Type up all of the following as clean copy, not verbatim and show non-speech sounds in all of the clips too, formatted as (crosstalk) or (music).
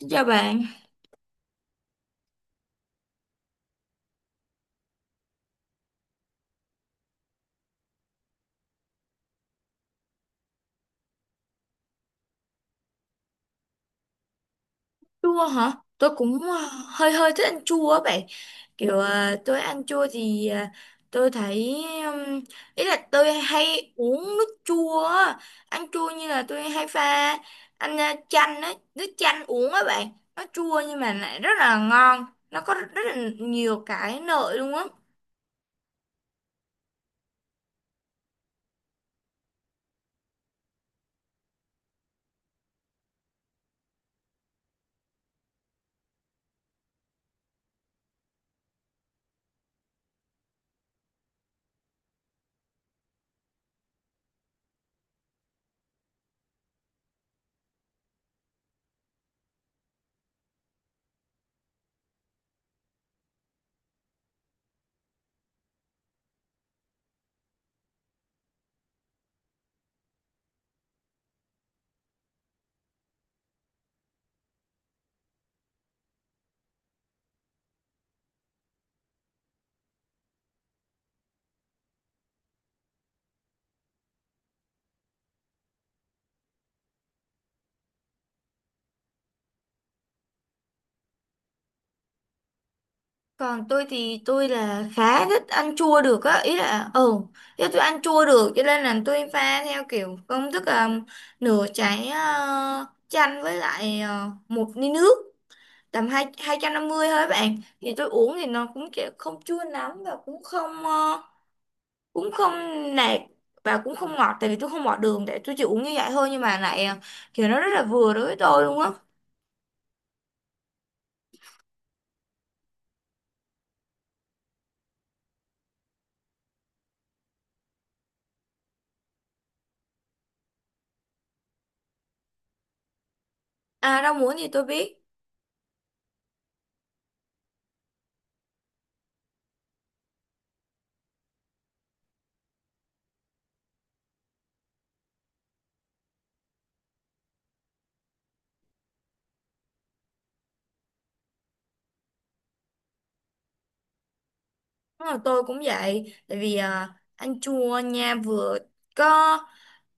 Dạ bạn, chua hả? Tôi cũng hơi hơi thích ăn chua á bạn. Kiểu tôi ăn chua thì tôi thấy ý là tôi hay uống nước chua á. Ăn chua như là tôi hay pha ăn chanh á, nước chanh uống á bạn. Nó chua nhưng mà lại rất là ngon. Nó có rất là nhiều cái lợi luôn á. Còn tôi thì tôi là khá thích ăn chua được á, ý là tôi ăn chua được cho nên là tôi pha theo kiểu công thức là nửa trái chanh với lại một ly nước tầm hai 250 thôi bạn. Thì tôi uống thì nó cũng kiểu không chua lắm và cũng không nạc và cũng không ngọt, tại vì tôi không bỏ đường, để tôi chỉ uống như vậy thôi nhưng mà lại kiểu nó rất là vừa đối với tôi luôn á. À, rau muống thì tôi biết. Đúng rồi, tôi cũng vậy, tại vì ăn chua nha, vừa có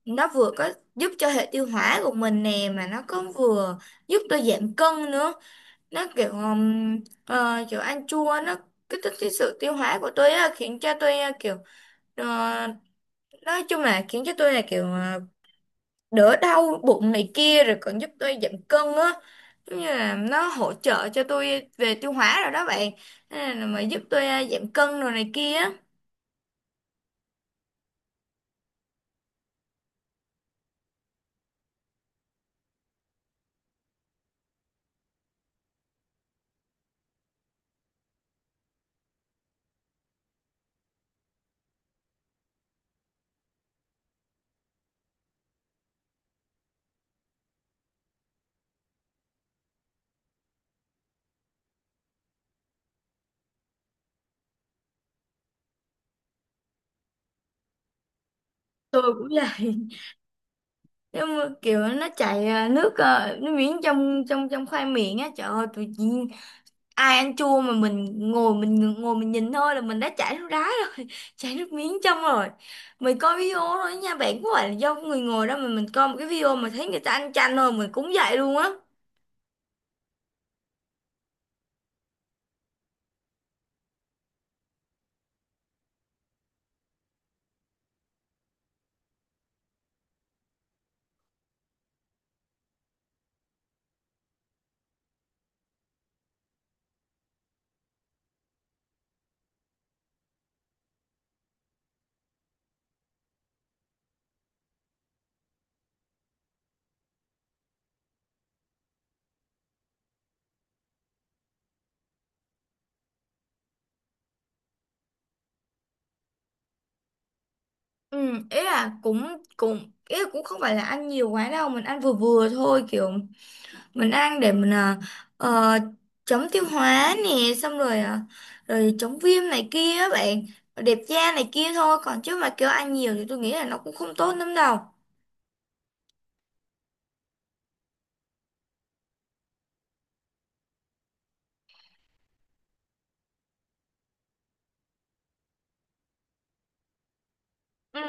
nó vừa có giúp cho hệ tiêu hóa của mình nè, mà nó cũng vừa giúp tôi giảm cân nữa. Nó kiểu ăn chua nó kích thích cái sự tiêu hóa của tôi á, khiến cho tôi kiểu ờ, nói chung là khiến cho tôi là kiểu đỡ đau bụng này kia, rồi còn giúp tôi giảm cân á, giống như là nó hỗ trợ cho tôi về tiêu hóa rồi đó bạn. Nên là mà giúp tôi giảm cân rồi này kia á. Tôi cũng vậy, nhưng mà kiểu nó chảy nước nó miếng trong trong trong khoai miệng á, trời ơi tụi chị, ai ăn chua mà mình ngồi mình nhìn thôi là mình đã chảy nước đá rồi (laughs) chảy nước miếng trong rồi. Mình coi video thôi nha bạn, có phải là do người ngồi đó mà mình coi một cái video mà thấy người ta ăn chanh thôi mình cũng vậy luôn á. Ừ, ý là cũng cũng ý là cũng không phải là ăn nhiều quá đâu, mình ăn vừa vừa thôi, kiểu mình ăn để mình ờ, chống tiêu hóa nè, xong rồi rồi chống viêm này kia á bạn, đẹp da này kia thôi, còn chứ mà kêu ăn nhiều thì tôi nghĩ là nó cũng không tốt lắm đâu. Ừ,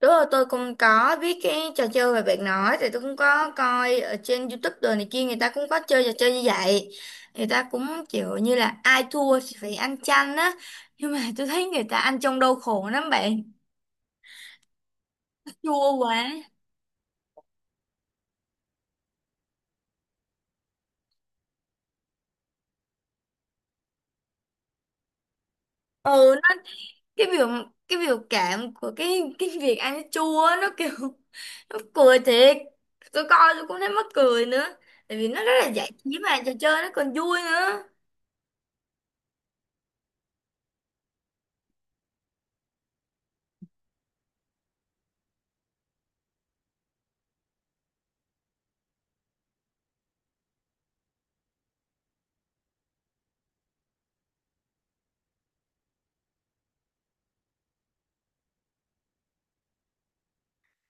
đúng rồi, tôi cũng có biết cái trò chơi mà bạn nói, thì tôi cũng có coi ở trên YouTube đồ này kia, người ta cũng có chơi trò chơi như vậy, người ta cũng kiểu như là ai thua thì phải ăn chanh á, nhưng mà tôi thấy người ta ăn trong đau khổ lắm bạn. Chua quá. Cái biểu cái biểu cảm của cái việc ăn cái chua á, nó kiểu (laughs) nó cười thiệt, tôi coi tôi cũng thấy mắc cười nữa, tại vì nó rất là giải trí mà trò chơi nó còn vui nữa.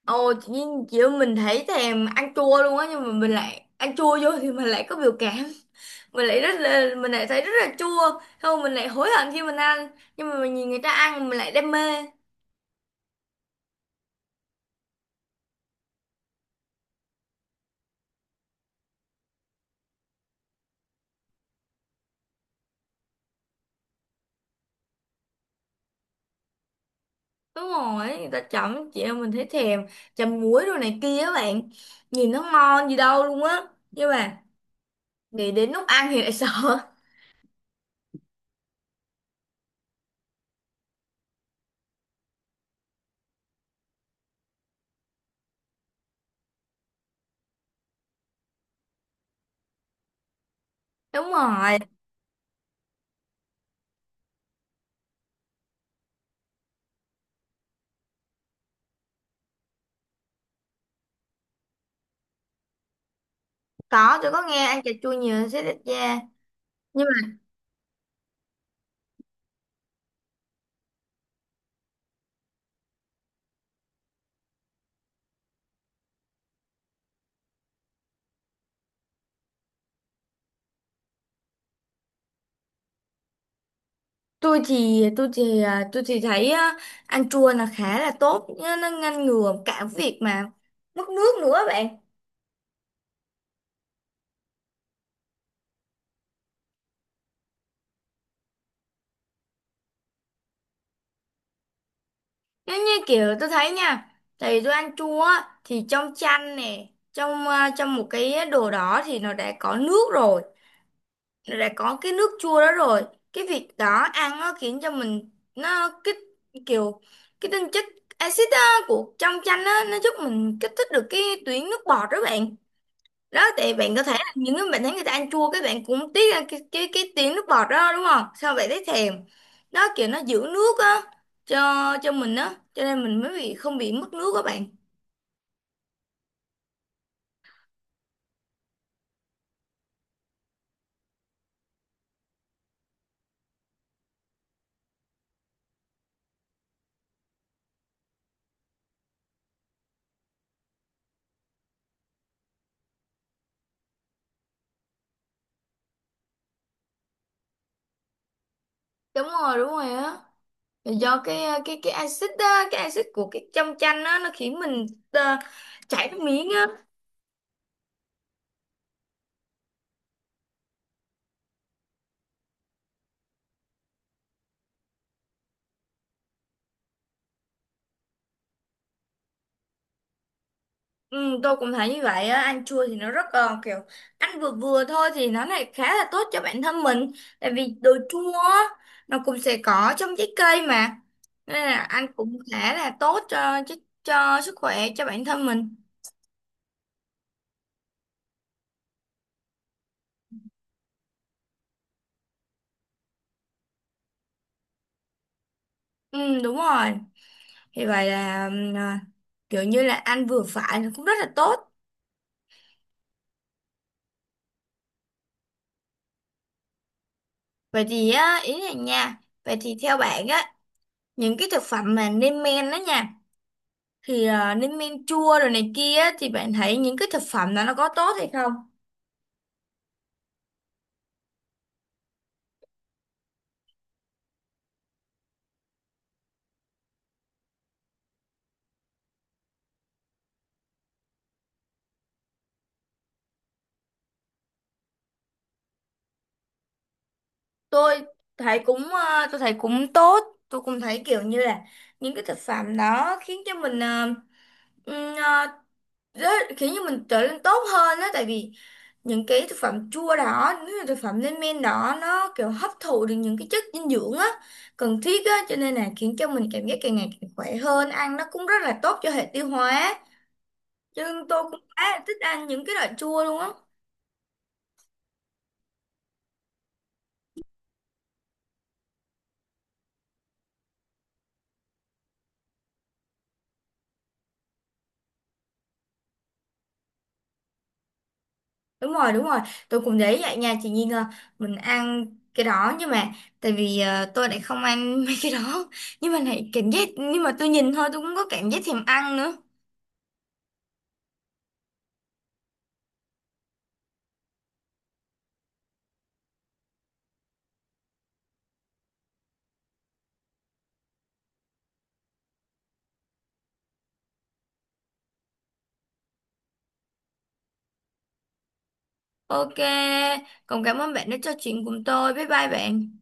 Ồ, tự nhiên kiểu mình thấy thèm ăn chua luôn á, nhưng mà mình lại ăn chua vô thì mình lại có biểu cảm, mình lại rất là mình lại thấy rất là chua, không mình lại hối hận khi mình ăn, nhưng mà mình nhìn người ta ăn mình lại đam mê. Đúng rồi, người ta chấm chị em mình thấy thèm, chấm muối đồ này kia á bạn, nhìn nó ngon gì đâu luôn á, nhưng mà nghĩ đến lúc ăn thì lại (laughs) sợ. Đúng rồi. Có, tôi có nghe ăn cà chua nhiều sẽ đẹp da, nhưng mà tôi thì thấy á, ăn chua là khá là tốt, nó ngăn ngừa cả việc mà mất nước nữa bạn. Nếu như kiểu tôi thấy nha, thì tôi ăn chua á, thì trong chanh nè, trong trong một cái đồ đó thì nó đã có nước rồi, đã có cái nước chua đó rồi, cái việc đó ăn nó khiến cho mình nó kích, kiểu cái tinh chất axit á, của trong chanh á nó giúp mình kích thích được cái tuyến nước bọt đó bạn. Đó thì bạn có thể là những cái bạn thấy người ta ăn chua cái bạn cũng tiếc ăn cái cái tuyến nước bọt đó đúng không, sao bạn thấy thèm. Đó kiểu nó giữ nước á cho mình á, cho nên mình mới bị không bị mất nước các bạn. Đúng rồi, đúng rồi á. Là do cái cái axit á, cái axit của cái trong chanh á nó khiến mình ờ, chảy nước miếng á. Ừ, tôi cũng thấy như vậy á, ăn chua thì nó rất kiểu ăn vừa vừa thôi thì nó lại khá là tốt cho bản thân mình, tại vì đồ chua á, nó cũng sẽ có trong trái cây mà, nên là ăn cũng khá là tốt cho cho sức khỏe cho bản thân mình. Ừ, đúng rồi, thì vậy là kiểu như là ăn vừa phải nó cũng rất là tốt. Vậy thì á, ý này nha, vậy thì theo bạn á, những cái thực phẩm mà nêm men đó nha, thì lên men chua rồi này kia á, thì bạn thấy những cái thực phẩm đó nó có tốt hay không? Tôi thấy cũng ờ, tôi thấy cũng tốt, tôi cũng thấy kiểu như là những cái thực phẩm đó khiến cho mình ừm, ờ, trở nên tốt hơn đó, tại vì những cái thực phẩm chua đó, những cái thực phẩm lên men đó nó kiểu hấp thụ được những cái chất dinh dưỡng á cần thiết á, cho nên là khiến cho mình cảm giác càng ngày càng khỏe hơn, ăn nó cũng rất là tốt cho hệ tiêu hóa, chứ tôi cũng khá thích ăn những cái loại chua luôn á. Đúng rồi, đúng rồi, tôi cũng thấy vậy nha chị Nhi, là mình ăn cái đó, nhưng mà tại vì tôi lại không ăn (laughs) mấy cái đó, nhưng mà lại cảm giác, nhưng mà tôi nhìn thôi tôi cũng có cảm giác thèm ăn nữa. Ok, còn cảm ơn bạn đã trò chuyện cùng tôi, bye bye bạn.